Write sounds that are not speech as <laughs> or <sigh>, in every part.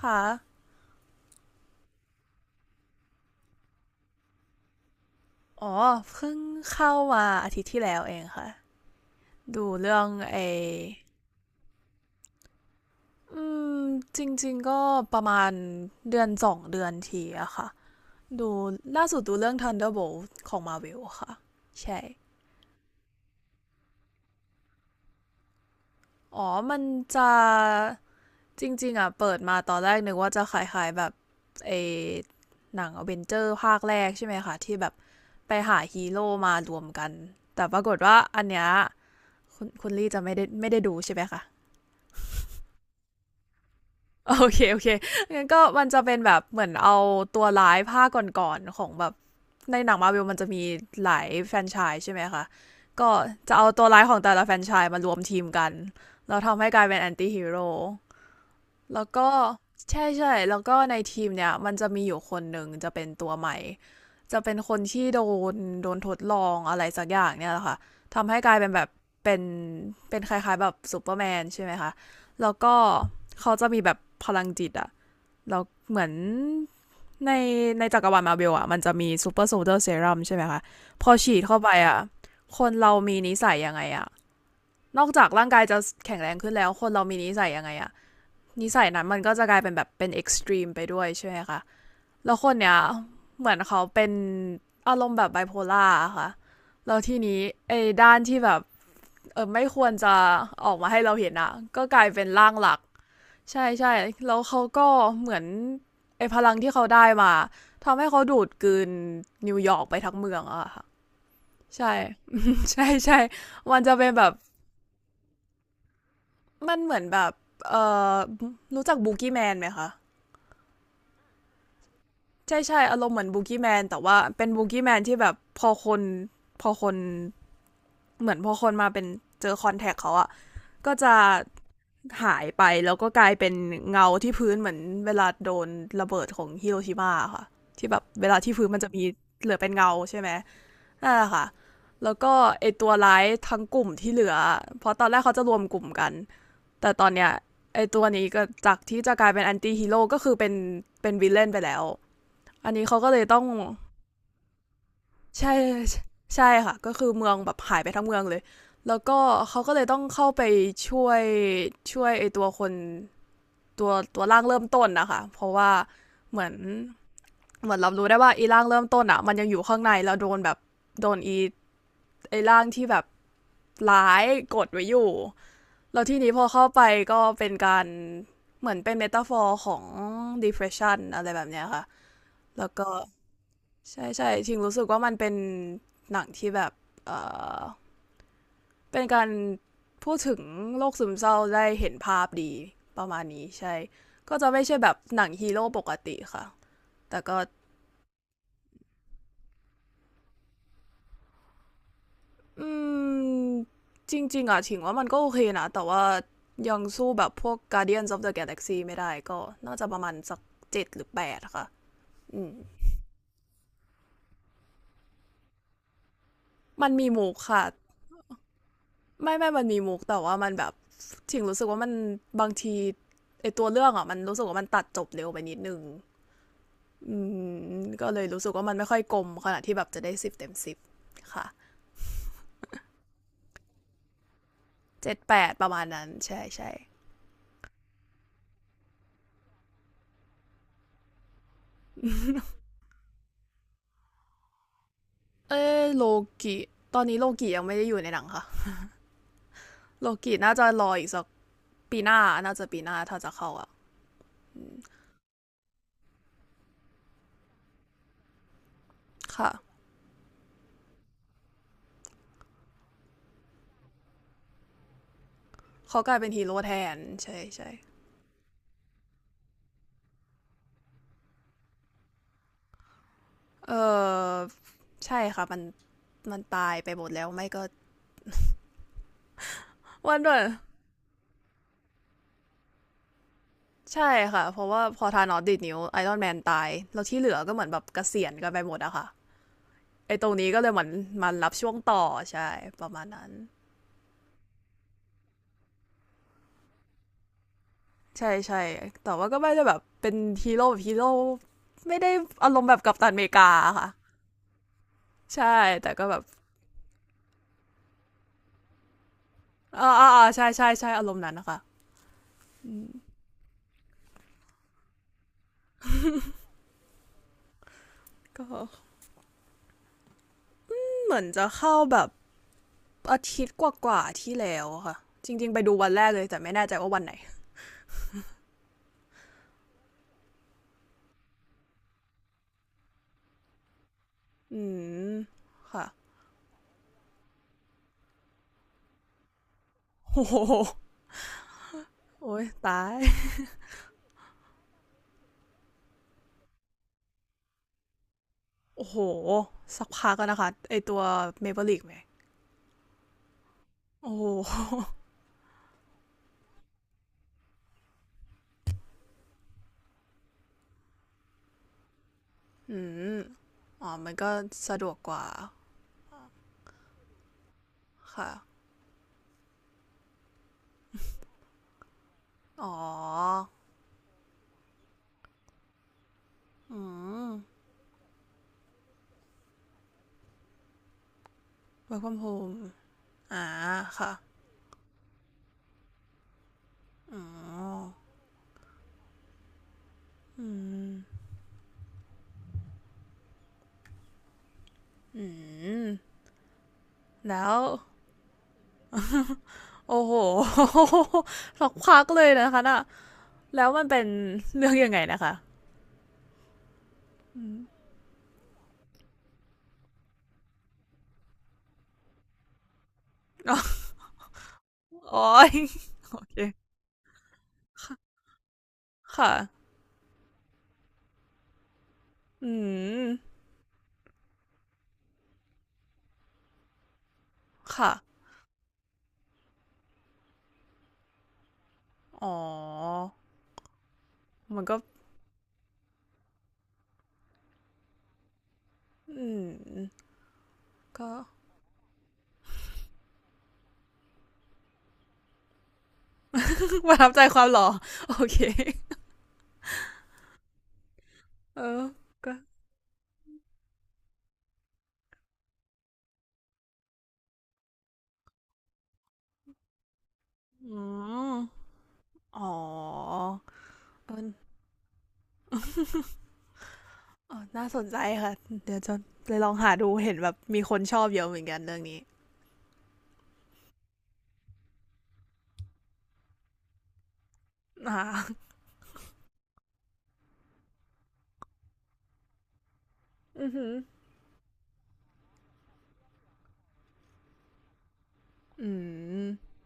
ค่ะ อ๋อเพิ่งเข้ามาอาทิตย์ที่แล้วเองค่ะ ดูเรื่องไออืมจริงๆก็ประมาณเดือนสองเดือนทีอะค่ะดูล่าสุดดูเรื่อง Thunderbolt ของ Marvel ค่ะ ใช่ อ๋อมันจะจริงๆอะเปิดมาตอนแรกนึกว่าจะคลายๆแบบเออหนังอเวนเจอร์ภาคแรกใช่ไหมคะที่แบบไปหาฮีโร่มารวมกัน แต่ปรากฏว่าอันเนี้ยคุณลี่จะไม่ได้ดูใช่ไหมคะ โอเคโอเคงั้นก็มันจะเป็นแบบเหมือนเอาตัวร้ายภาคก่อนๆของแบบในหนังมาร์เวลมันจะมีหลายแฟรนไชส์ใช่ไหมคะก็จะเอาตัวร้ายของแต่ละแฟรนไชส์มารวมทีมกันแล้วทำให้กลายเป็นแอนตี้ฮีโร่แล้วก็ใช่ใช่แล้วก็ในทีมเนี่ยมันจะมีอยู่คนหนึ่งจะเป็นตัวใหม่ จะเป็นคนที่นโดนทดลองอะไรสักอย่างเนี่ยแหละค่ะทำให้กลายเป็นแบบเป็นคล้ายๆแบบซูเปอร์แมนใช่ไหมคะแล้วก็เขาจะมีแบบพลังจิตอะ แล้วเหมือนในในจักรวาลมาร์เบลอ่ะมันจะมีซูเปอร์โซลเดอร์เซรั่มใช่ไหมคะพอฉีดเข้าไปอ่ะคนเรามีนิสัยยังไงอ่ะนอกจากร่างกายจะแข็งแรงขึ้นแล้วคนเรามีนิสัยยังไงอ่ะนิสัยนั้นมันก็จะกลายเป็นแบบเป็นเอ็กซ์ตรีมไปด้วยใช่ไหมคะแล้วคนเนี้ยเหมือนเขาเป็นอารมณ์แบบไบโพล่าค่ะแล้วทีนี้ไอ้ด้านที่แบบเออไม่ควรจะออกมาให้เราเห็นอ่ะก็กลายเป็นร่างหลัก ใช่ใช่แล้วเขาก็เหมือนไอ้พลังที่เขาได้มาทำให้เขาดูดกลืนนิวยอร์กไปทั้งเมืองอะค่ะใช่ <laughs> ใช่ <laughs> ใช่มันจะเป็นแบบมันเหมือนแบบเอ่อรู้จักบูกี้แมนไหมคะใช่ใช่อารมณ์เหมือนบูกี้แมนแต่ว่าเป็นบูกี้แมนที่แบบพอคนเหมือนพอคนมาเป็นเจอคอนแทคเขาอะก็จะ หายไปแล้วก็กลายเป็นเงาที่พื้นเหมือนเวลาโดนระเบิดของฮิโรชิมาค่ะที่แบบเวลาที่พื้นมันจะมีเหลือเป็นเงาใช่ไหมนั่นแหละค่ะแล้วก็ไอตัวร้ายทั้งกลุ่มที่เหลือเพราะตอนแรกเขาจะรวมกลุ่มกันแต่ตอนเนี้ยไอตัวนี้ก็จากที่จะกลายเป็นแอนตี้ฮีโร่ก็คือเป็นเป็นวิลเลนไปแล้วอันนี้เขาก็เลยต้องใช่ใช่ใช่ค่ะก็คือเมืองแบบหายไปทั้งเมืองเลยแล้วก็เขาก็เลยต้องเข้าไปช่วยช่วยไอตัวคน ตัวร่างเริ่มต้นนะคะเพราะว่าเหมือนเหมือนเรารู้ได้ว่าอีร่างเริ่มต้นอ่ะมันยังอยู่ข้างในแล้วโดนแบบโดนอีไอร่างที่แบบร้ายกดไว้อยู่แล้วที่นี้พอเข้าไปก็เป็นการเหมือนเป็นเมตาฟอร์ของ depression อะไรแบบเนี้ยค่ะแล้วก็ใช่ใช่ชิงรู้สึกว่ามันเป็นหนังที่แบบเออเป็นการพูดถึงโรคซึมเศร้าได้เห็นภาพดีประมาณนี้ใช่ก็จะไม่ใช่แบบหนังฮีโร่ปกติค่ะ แต่ก็อืมจริงๆอ่ะถิงว่ามันก็โอเคนะแต่ว่ายังสู้แบบพวก Guardians of the Galaxy ไม่ได้ก็น่าจะประมาณสักเจ็ดหรือแปดค่ะอืมมันมีมุกค่ะไม่ไม่มันมีมุกแต่ว่ามันแบบถิงรู้สึกว่ามันบางทีไอตัวเรื่องอ่ะมันรู้สึกว่ามันตัดจบเร็วไปนิดนึงอืมก็เลยรู้สึกว่ามันไม่ค่อยกลมขนาดที่แบบจะได้สิบเต็มสิบค่ะเจ็ดแปดประมาณนั้นใช่ใช่เออโลกิตอนนี้โลกิยังไม่ได้อยู่ในหนังค่ะ โลกิน่าจะรออีกสักปีหน้าน่าจะปีหน้าถ้าจะเข้าอ่ะค่ะ เขากลายเป็นฮีโร่แทนใช่ใช่เออใช่ค่ะมันตายไปหมดแล้วไม่ก็วันเดอร์ใช่ค่ะเพราะว่าพอทานอสดีดนิ้วไอรอนแมนตายแล้วที่เหลือก็เหมือนแบบเกษียณกันไปหมดอะค่ะไอตรงนี้ก็เลยเหมือนมันรับช่วงต่อใช่ประมาณนั้นใช่ใช่แต่ว่าก็ไม่ได้แบบเป็นฮีโร่แบบฮีโร่ไม่ได้อารมณ์แบบกัปตันอเมริกาค่ะใช่แต่ก็แบบอ่าอ่าใช่ใช่ใช่อารมณ์นั้นนะคะ ก็เหมือนจะเข้าแบบอาทิตย์กว่าๆที่แล้วค่ะจริงๆไปดูวันแรกเลยแต่ไม่แน่ใจว่าวันไหนอืมค่ะ <laughs> โอ้โหโอ้ยตายโอ้โหสักพักกันนะคะไอตัวเมเ l l ล a กไหมโอ้โหอืมอ๋อมันก็สะดวกกว่าค่ะอ๋ออืม work from home อ่าค่ะอืมอืมแล้ว <laughs> โอ้โห <laughs> สักพักเลยนะคะน่ะ แล้วมันเป็นเรื่องยังไงนะคะอ๋อโอเคค่ะอืมค่ะ อ๋อ มันก็ อืม ก็ประทับใจความหล่อโอเค เออ ก็อืมอ๋อเออออน่าสนใจค่ะ เดี๋ยวจะไปลองหาดูเห็นแบบมีคนชอบเยอะเหมือนกันเรื่องนี้อ่า อือหืออืม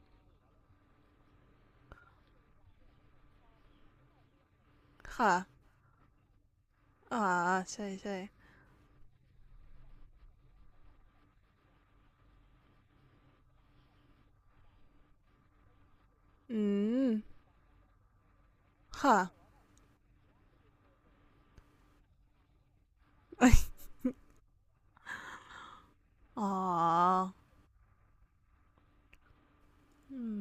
ค่ะอ่าใช่ใช่อืมค่ะ <laughs> อ๋ออืม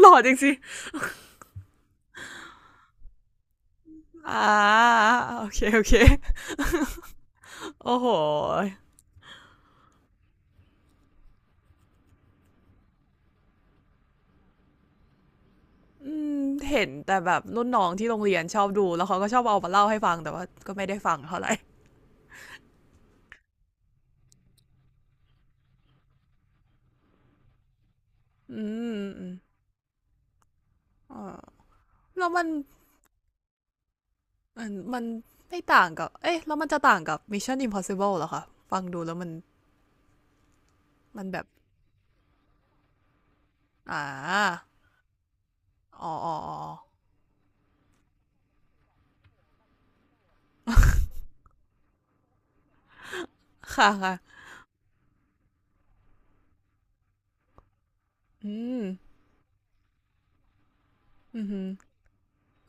หล่อจริงสิอ่าโอเคโอเคโอ้โหอืมเห็นแต่แบบรุ่นน้องที่โรงเรียนชอบดูแล้วเขาก็ชอบเอามาเล่าให้ฟังแต่ว่าก็ไม่ได้ฟังเท่าไหร่อืมอืมอ่าแล้วมันไม่ต่างกับ เอ๊ะแล้วมันจะต่างกับ Mission Impossible เหรอคะ ฟังดูแล้วมัน มันแบบอ่าอ๋ออ๋ออ๋อค่ะค่ะอืมอืมอหือ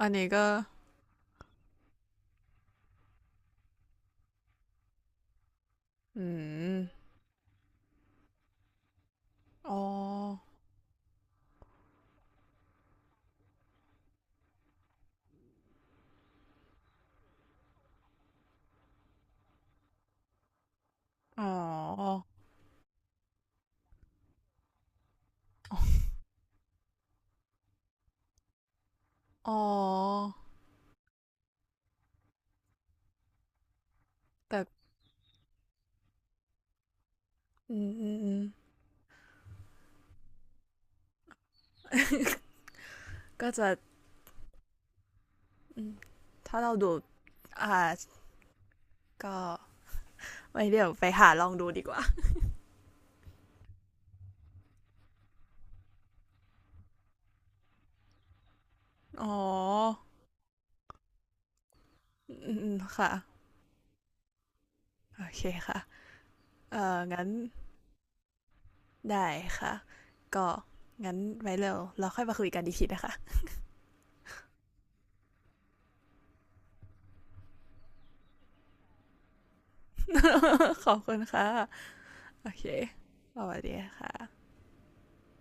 อันนี้ก็อืมอ๋อ อ๋ออ๋อแต่อืมอืมอืมก็จะอืมถ้าเราดูอ่าก็ไว้เดี๋ยวไปหาลองดูดีกว่าอ๋ออืมอืมค่ะ โอเคค่ะ งั้นได้ค่ะ ก็งั้นไว้เร็วเราค่อยมาคุยกันอีกทีนะคะ <laughs> ขอบคุณค่ะ โอเคสวัสดีค่ะ